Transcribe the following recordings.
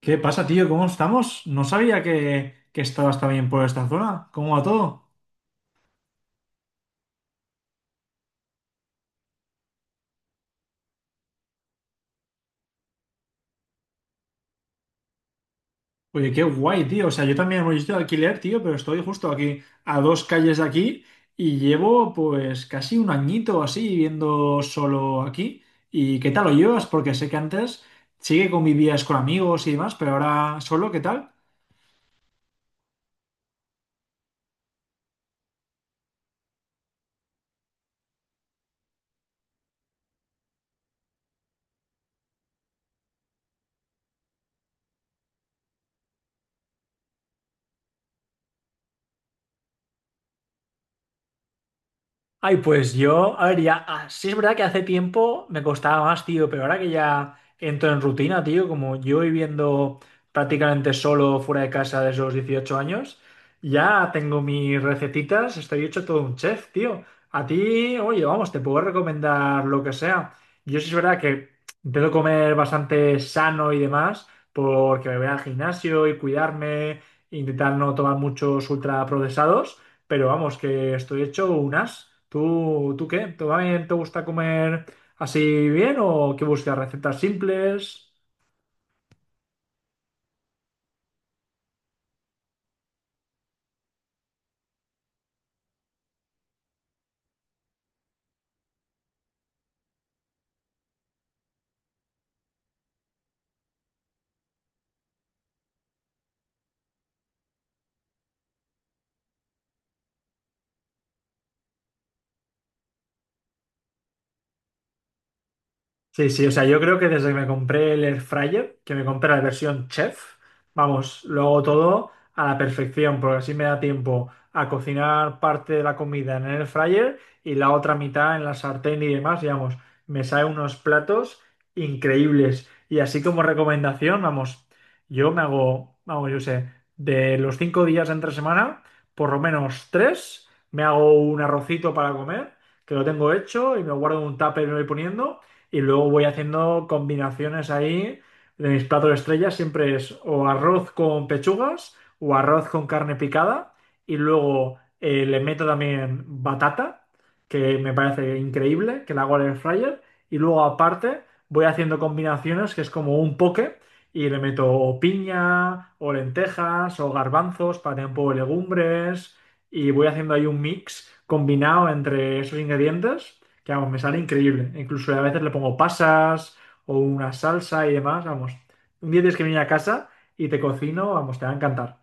¿Qué pasa, tío? ¿Cómo estamos? No sabía que estabas también por esta zona. ¿Cómo va todo? Oye, qué guay, tío. O sea, yo también voy de alquiler, tío, pero estoy justo aquí, a dos calles de aquí, y llevo pues casi un añito así viviendo solo aquí. ¿Y qué tal lo llevas? Porque sé que antes sí que convivías con amigos y demás, pero ahora solo, ¿qué tal? Ay, pues yo, a ver, ya, sí es verdad que hace tiempo me costaba más, tío, pero ahora que ya entro en rutina, tío, como yo viviendo prácticamente solo fuera de casa desde los 18 años, ya tengo mis recetitas, estoy hecho todo un chef, tío. A ti, oye, vamos, te puedo recomendar lo que sea. Yo sí es verdad que intento comer bastante sano y demás, porque me voy al gimnasio y cuidarme, intentar no tomar muchos ultraprocesados. Pero vamos, que estoy hecho un as. ¿Tú qué? ¿También te gusta comer así bien o que buscas recetas simples? Sí, sí, o sea, yo creo que desde que me compré el Air Fryer, que me compré la versión chef, vamos, lo hago todo a la perfección, porque así me da tiempo a cocinar parte de la comida en el Air Fryer y la otra mitad en la sartén y demás, digamos, me salen unos platos increíbles. Y así como recomendación, vamos, yo me hago, vamos, yo sé, de los 5 días de entre semana, por lo menos tres, me hago un arrocito para comer, que lo tengo hecho y me guardo en un tupper y me voy poniendo y luego voy haciendo combinaciones ahí de mis platos estrellas, siempre es o arroz con pechugas o arroz con carne picada y luego le meto también batata, que me parece increíble, que la hago al air fryer y luego aparte voy haciendo combinaciones que es como un poke y le meto o piña o lentejas o garbanzos para tener un poco de legumbres y voy haciendo ahí un mix combinado entre esos ingredientes que vamos, me sale increíble. Incluso a veces le pongo pasas o una salsa y demás, vamos. Un día tienes que venir a casa y te cocino, vamos, te va a encantar.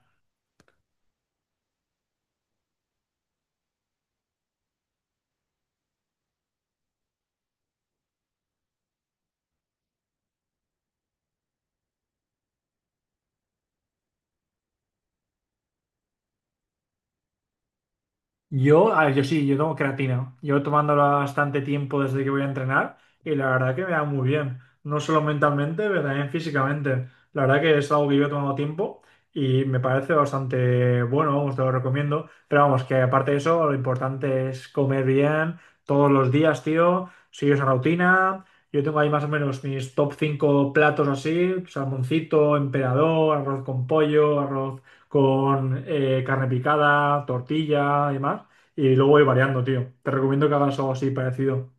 Yo, a ver, yo sí, yo tomo creatina. Llevo tomándola bastante tiempo desde que voy a entrenar y la verdad que me da muy bien. No solo mentalmente, pero también físicamente. La verdad que es algo que yo he tomado tiempo y me parece bastante bueno, vamos, te lo recomiendo. Pero vamos, que aparte de eso, lo importante es comer bien todos los días, tío. Sigue esa rutina. Yo tengo ahí más o menos mis top 5 platos así, salmoncito, emperador, arroz con pollo, arroz con carne picada, tortilla y demás. Y luego voy variando, tío. Te recomiendo que hagas algo así parecido.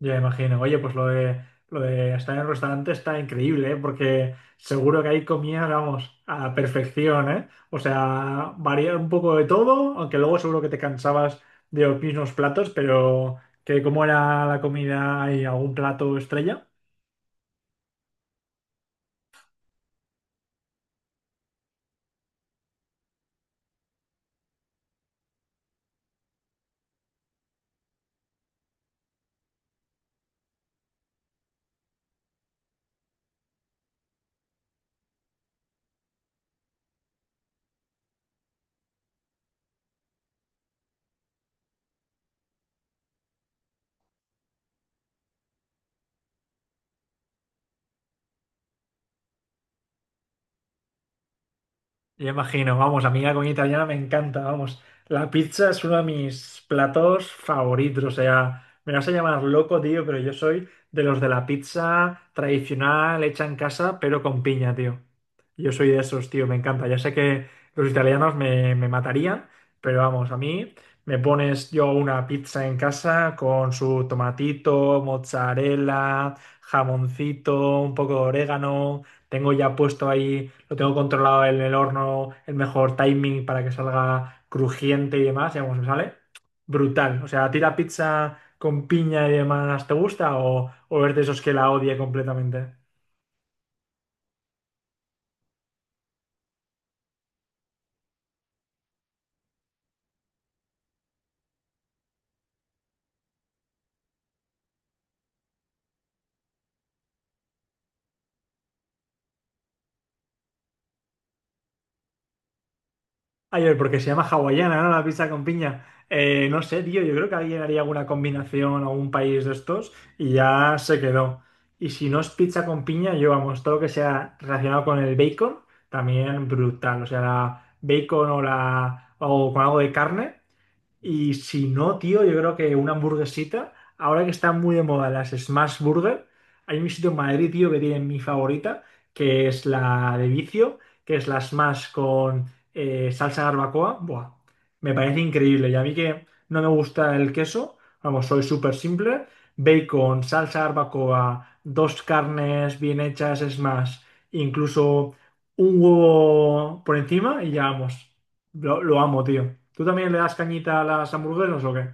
Ya me imagino. Oye, pues lo de estar en el restaurante está increíble, ¿eh? Porque seguro que ahí comías vamos, a la perfección, ¿eh? O sea, variar un poco de todo, aunque luego seguro que te cansabas de los mismos platos, pero que cómo era la comida y algún plato estrella. Yo imagino, vamos, a mí la comida italiana me encanta, vamos. La pizza es uno de mis platos favoritos, o sea, me vas a llamar loco, tío, pero yo soy de los de la pizza tradicional hecha en casa, pero con piña, tío. Yo soy de esos, tío, me encanta. Ya sé que los italianos me matarían, pero vamos, a mí me pones yo una pizza en casa con su tomatito, mozzarella, jamoncito, un poco de orégano. Tengo ya puesto ahí, lo tengo controlado en el horno, el mejor timing para que salga crujiente y demás. Y vamos, me sale brutal. O sea, ¿a ti la pizza con piña y demás te gusta o eres de esos que la odia completamente? Ay, oye, porque se llama hawaiana, ¿no? La pizza con piña. No sé, tío, yo creo que alguien haría alguna combinación a un país de estos y ya se quedó. Y si no es pizza con piña, yo vamos, todo lo que sea relacionado con el bacon, también brutal. O sea, la bacon o la o con algo de carne, y si no, tío, yo creo que una hamburguesita, ahora que están muy de moda las Smash Burger, hay un sitio en Madrid, tío, que tiene mi favorita, que es la de vicio, que es la Smash con salsa barbacoa. Buah, me parece increíble. Y a mí que no me gusta el queso, vamos, soy súper simple. Bacon, salsa barbacoa, dos carnes bien hechas Smash, incluso un huevo por encima y ya vamos. Lo amo, tío. ¿Tú también le das cañita a las hamburguesas o qué?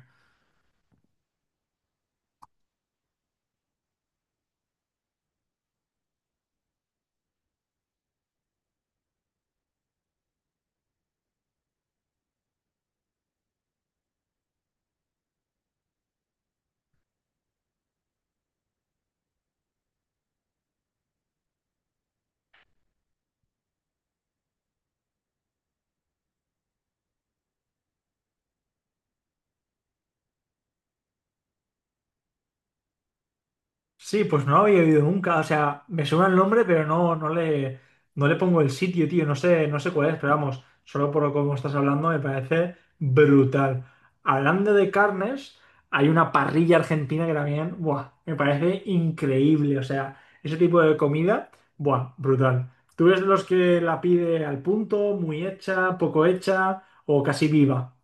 Sí, pues no lo había oído nunca. O sea, me suena el nombre, pero no, no le pongo el sitio, tío. No sé cuál es, pero vamos, solo por lo como estás hablando me parece brutal. Hablando de carnes, hay una parrilla argentina que también, buah, me parece increíble. O sea, ese tipo de comida, buah, brutal. ¿Tú eres de los que la pide al punto, muy hecha, poco hecha o casi viva?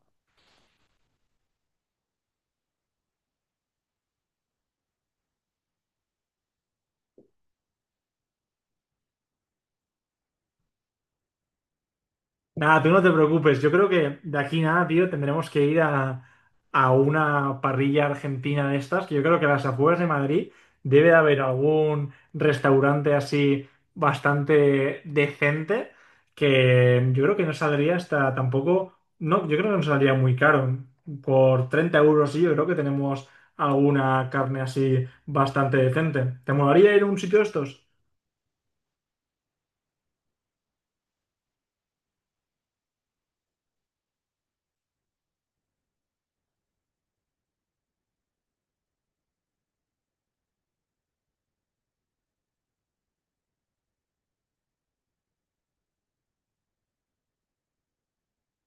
Nada, tú no te preocupes. Yo creo que de aquí nada, tío, tendremos que ir a, una parrilla argentina de estas, que yo creo que a las afueras de Madrid debe de haber algún restaurante así bastante decente, que yo creo que no saldría hasta tampoco, no, yo creo que no saldría muy caro. Por 30 euros, sí, yo creo que tenemos alguna carne así bastante decente. ¿Te molaría ir a un sitio de estos?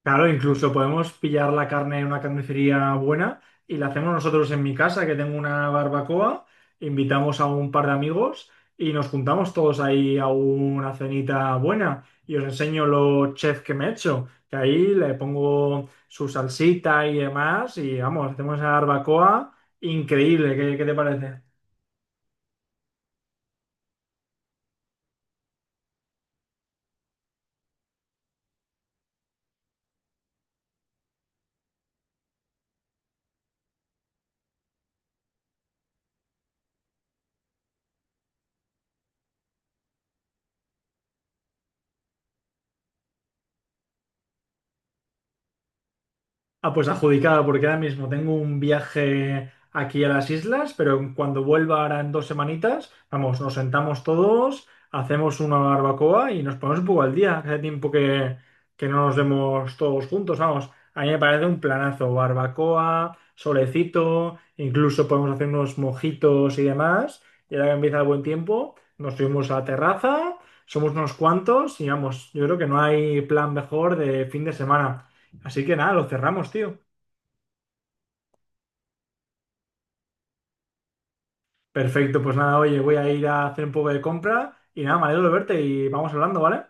Claro, incluso podemos pillar la carne en una carnicería buena y la hacemos nosotros en mi casa, que tengo una barbacoa, invitamos a un par de amigos y nos juntamos todos ahí a una cenita buena y os enseño los chefs que me he hecho, que ahí le pongo su salsita y demás y vamos, hacemos esa barbacoa increíble, ¿qué te parece? Ah, pues adjudicada porque ahora mismo tengo un viaje aquí a las islas, pero en cuando vuelva ahora en 2 semanitas, vamos, nos sentamos todos, hacemos una barbacoa y nos ponemos un poco al día. Hace tiempo que no nos vemos todos juntos, vamos. A mí me parece un planazo, barbacoa, solecito, incluso podemos hacer unos mojitos y demás. Y ahora que empieza el buen tiempo, nos subimos a la terraza, somos unos cuantos y vamos, yo creo que no hay plan mejor de fin de semana. Así que nada, lo cerramos, tío. Perfecto, pues nada, oye, voy a ir a hacer un poco de compra y nada, me alegro de verte y vamos hablando, ¿vale?